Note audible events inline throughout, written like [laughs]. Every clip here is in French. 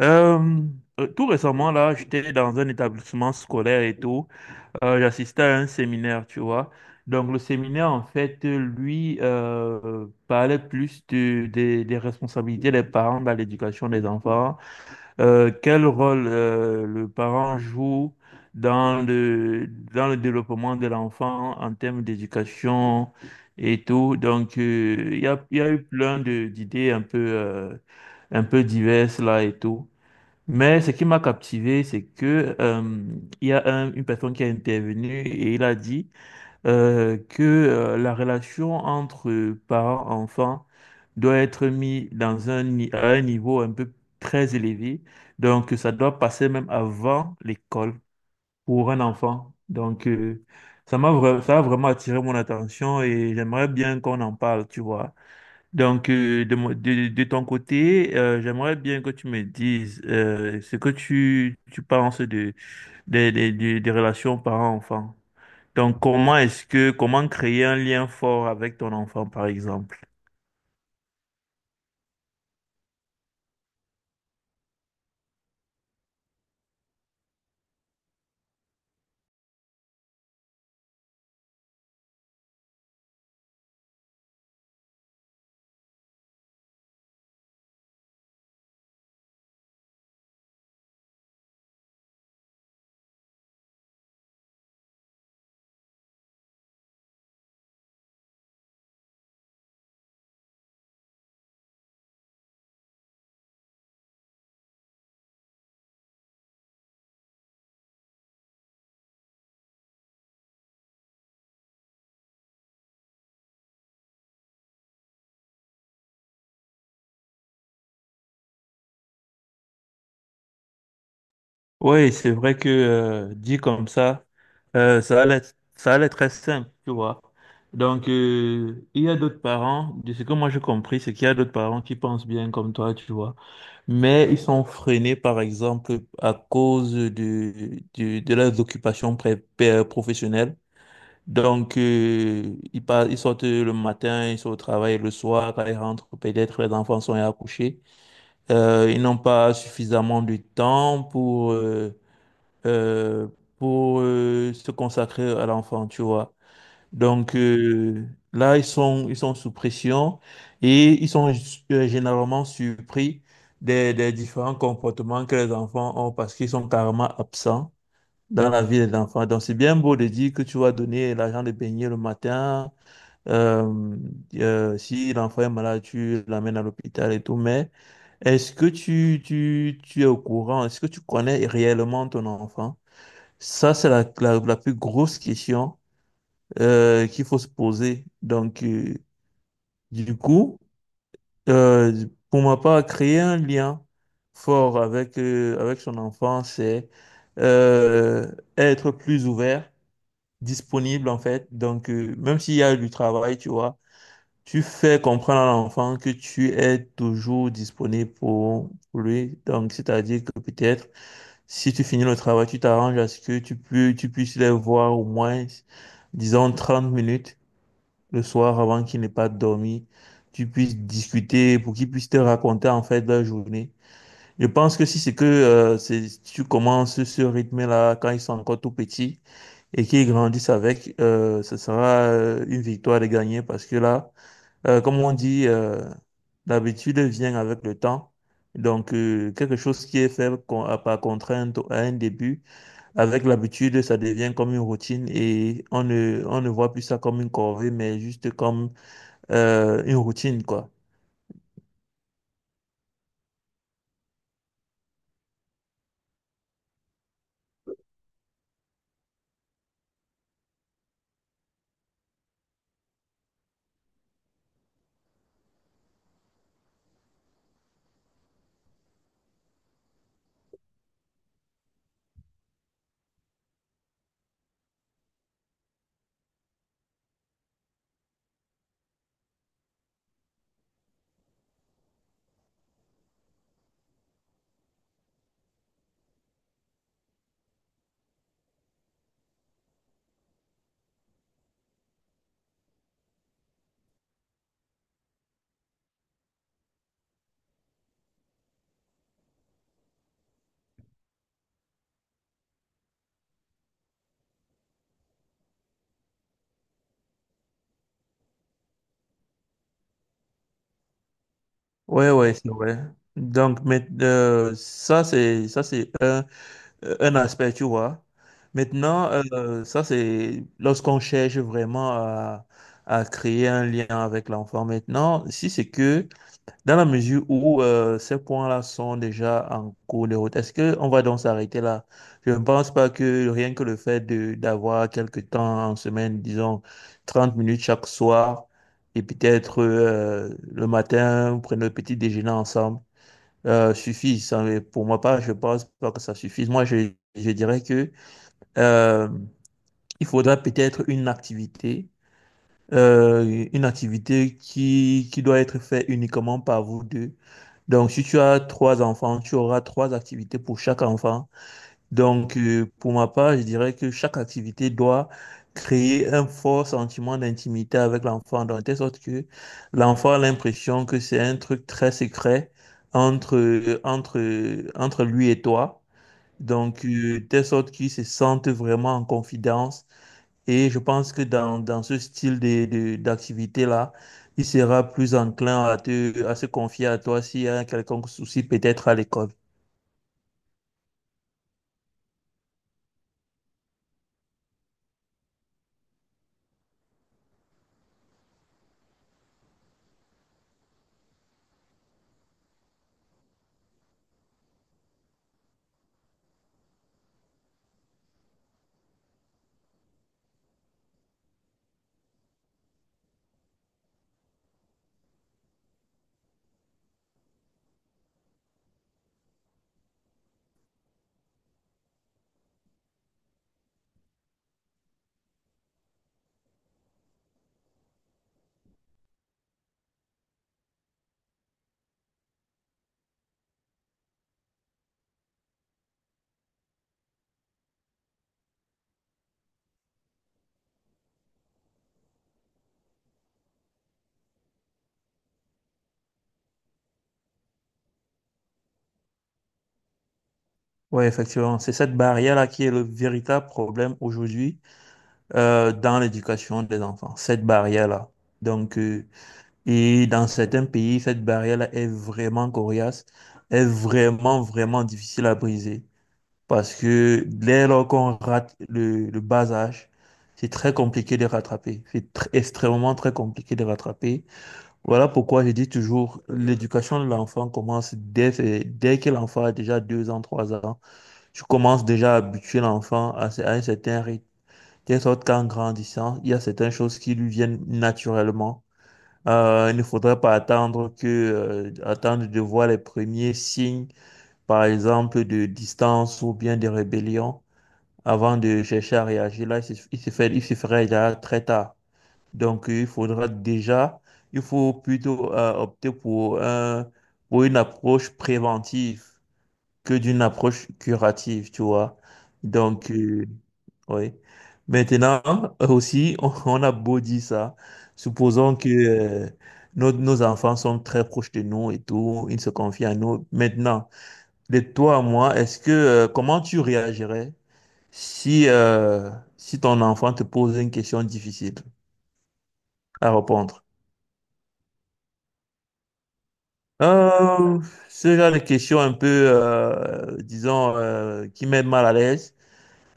Euh, tout récemment, là, j'étais dans un établissement scolaire et tout. J'assistais à un séminaire, tu vois. Donc, le séminaire, en fait, lui, parlait plus des responsabilités des parents dans l'éducation des enfants. Quel rôle le parent joue dans le développement de l'enfant en termes d'éducation et tout. Donc, il y a eu plein d'idées un peu diverses là et tout. Mais ce qui m'a captivé, c'est que il y a une personne qui a intervenu et il a dit que la relation entre parents-enfants doit être mise dans un, ni- à un niveau un peu très élevé. Donc, ça doit passer même avant l'école pour un enfant. Donc, ça a vraiment attiré mon attention et j'aimerais bien qu'on en parle, tu vois. Donc, de ton côté, j'aimerais bien que tu me dises ce que tu penses de, des relations parents-enfants. Donc, comment créer un lien fort avec ton enfant, par exemple? Oui, c'est vrai que dit comme ça, euh, ça allait, ça allait très simple, tu vois. Donc, il y a d'autres parents, de ce que moi j'ai compris, c'est qu'il y a d'autres parents qui pensent bien comme toi, tu vois. Mais ils sont freinés, par exemple, à cause de leurs occupations professionnelles. Donc, ils sortent le matin, ils sont au travail le soir, quand ils rentrent, peut-être les enfants sont à coucher. Ils n'ont pas suffisamment de temps euh, pour se consacrer à l'enfant, tu vois. Donc là, ils sont sous pression et ils sont généralement surpris des différents comportements que les enfants ont parce qu'ils sont carrément absents dans la vie des enfants. Donc c'est bien beau de dire que tu vas donner l'argent de baigner le matin. euh, si l'enfant est malade, tu l'amènes à l'hôpital et tout. Mais est-ce que tu es au courant? Est-ce que tu connais réellement ton enfant? Ça, c'est la plus grosse question qu'il faut se poser. Donc, du coup, pour ma part, créer un lien fort avec son enfant, c'est euh, être plus ouvert, disponible en fait. Donc, même s'il y a du travail, tu vois, tu fais comprendre à l'enfant que tu es toujours disponible pour lui. Donc, c'est-à-dire que peut-être, si tu finis le travail, tu t'arranges à ce que tu puisses les voir au moins, disons, 30 minutes le soir avant qu'ils n'aient pas dormi, tu puisses discuter pour qu'ils puissent te raconter en fait leur journée. Je pense que si c'est que si tu commences ce rythme-là quand ils sont encore tout petits et qu'ils grandissent avec, ce sera une victoire de gagner parce que là, comme on dit, l'habitude vient avec le temps. Donc, quelque chose qui est fait par contrainte à un début, avec l'habitude, ça devient comme une routine et on ne voit plus ça comme une corvée, mais juste comme une routine, quoi. Ouais, ouais, c'est vrai. Donc, mais, ça, c'est un aspect, tu vois. Maintenant, ça, c'est lorsqu'on cherche vraiment à créer un lien avec l'enfant. Maintenant, si c'est que dans la mesure où ces points-là sont déjà en cours de route, est-ce qu'on va donc s'arrêter là? Je ne pense pas que rien que le fait de d'avoir quelques temps en semaine, disons 30 minutes chaque soir, et peut-être le matin, prendre le petit déjeuner ensemble, suffit. Ça, mais pour moi, pas, je pense pas que ça suffise. Moi, je dirais que euh, il faudra peut-être une activité qui doit être faite uniquement par vous deux. Donc, si tu as trois enfants, tu auras trois activités pour chaque enfant. Donc, pour ma part, je dirais que chaque activité doit créer un fort sentiment d'intimité avec l'enfant, de telle sorte que l'enfant a l'impression que c'est un truc très secret entre lui et toi. Donc, de telle sorte qu'il se sente vraiment en confidence et je pense que dans ce style d'activité-là, il sera plus enclin à se confier à toi s'il y a un quelconque souci peut-être à l'école. Oui, effectivement, c'est cette barrière-là qui est le véritable problème aujourd'hui dans l'éducation des enfants, cette barrière-là. Donc, et dans certains pays, cette barrière-là est vraiment coriace, est vraiment, vraiment difficile à briser. Parce que dès lors qu'on rate le bas âge, c'est très compliqué de rattraper. Extrêmement très compliqué de rattraper. Voilà pourquoi je dis toujours, l'éducation de l'enfant commence dès que l'enfant a déjà 2 ans, 3 ans. Je commence déjà à habituer l'enfant à un certain rythme. De sorte qu'en grandissant, il y a certaines choses qui lui viennent naturellement. Il ne faudrait pas attendre de voir les premiers signes, par exemple, de distance ou bien de rébellion avant de chercher à réagir, là, il se ferait déjà très tard. Donc, il faut plutôt opter pour une approche préventive que d'une approche curative, tu vois. Donc, oui. Maintenant, aussi, [laughs] on a beau dire ça. Supposons que nos enfants sont très proches de nous et tout, ils se confient à nous. Maintenant, de toi à moi, comment tu réagirais? Si, euh, si ton enfant te pose une question difficile à répondre, euh, ce genre de question un peu, disons, qui met mal à l'aise,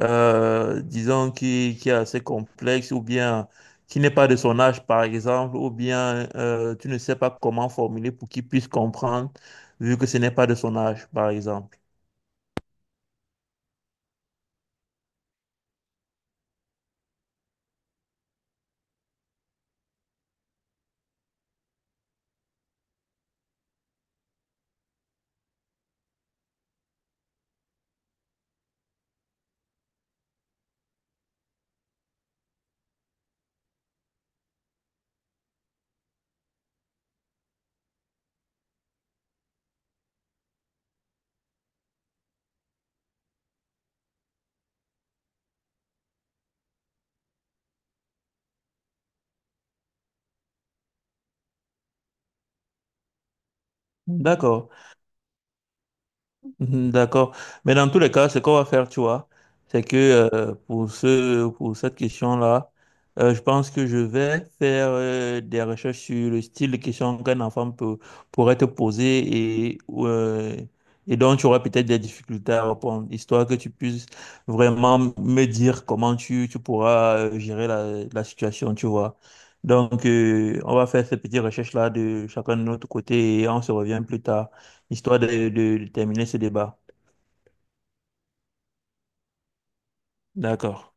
disons, qui est assez complexe ou bien qui n'est pas de son âge, par exemple, ou bien tu ne sais pas comment formuler pour qu'il puisse comprendre, vu que ce n'est pas de son âge, par exemple. D'accord. Mhm, d'accord. Mais dans tous les cas, ce qu'on va faire, tu vois, c'est que pour cette question-là, je pense que je vais faire des recherches sur le style de question qu'un enfant pourrait te poser et dont tu auras peut-être des difficultés à répondre, histoire que tu puisses vraiment me dire comment tu pourras gérer la situation, tu vois. Donc, on va faire cette petite recherche-là de chacun de notre côté et on se revient plus tard histoire de terminer ce débat. D'accord.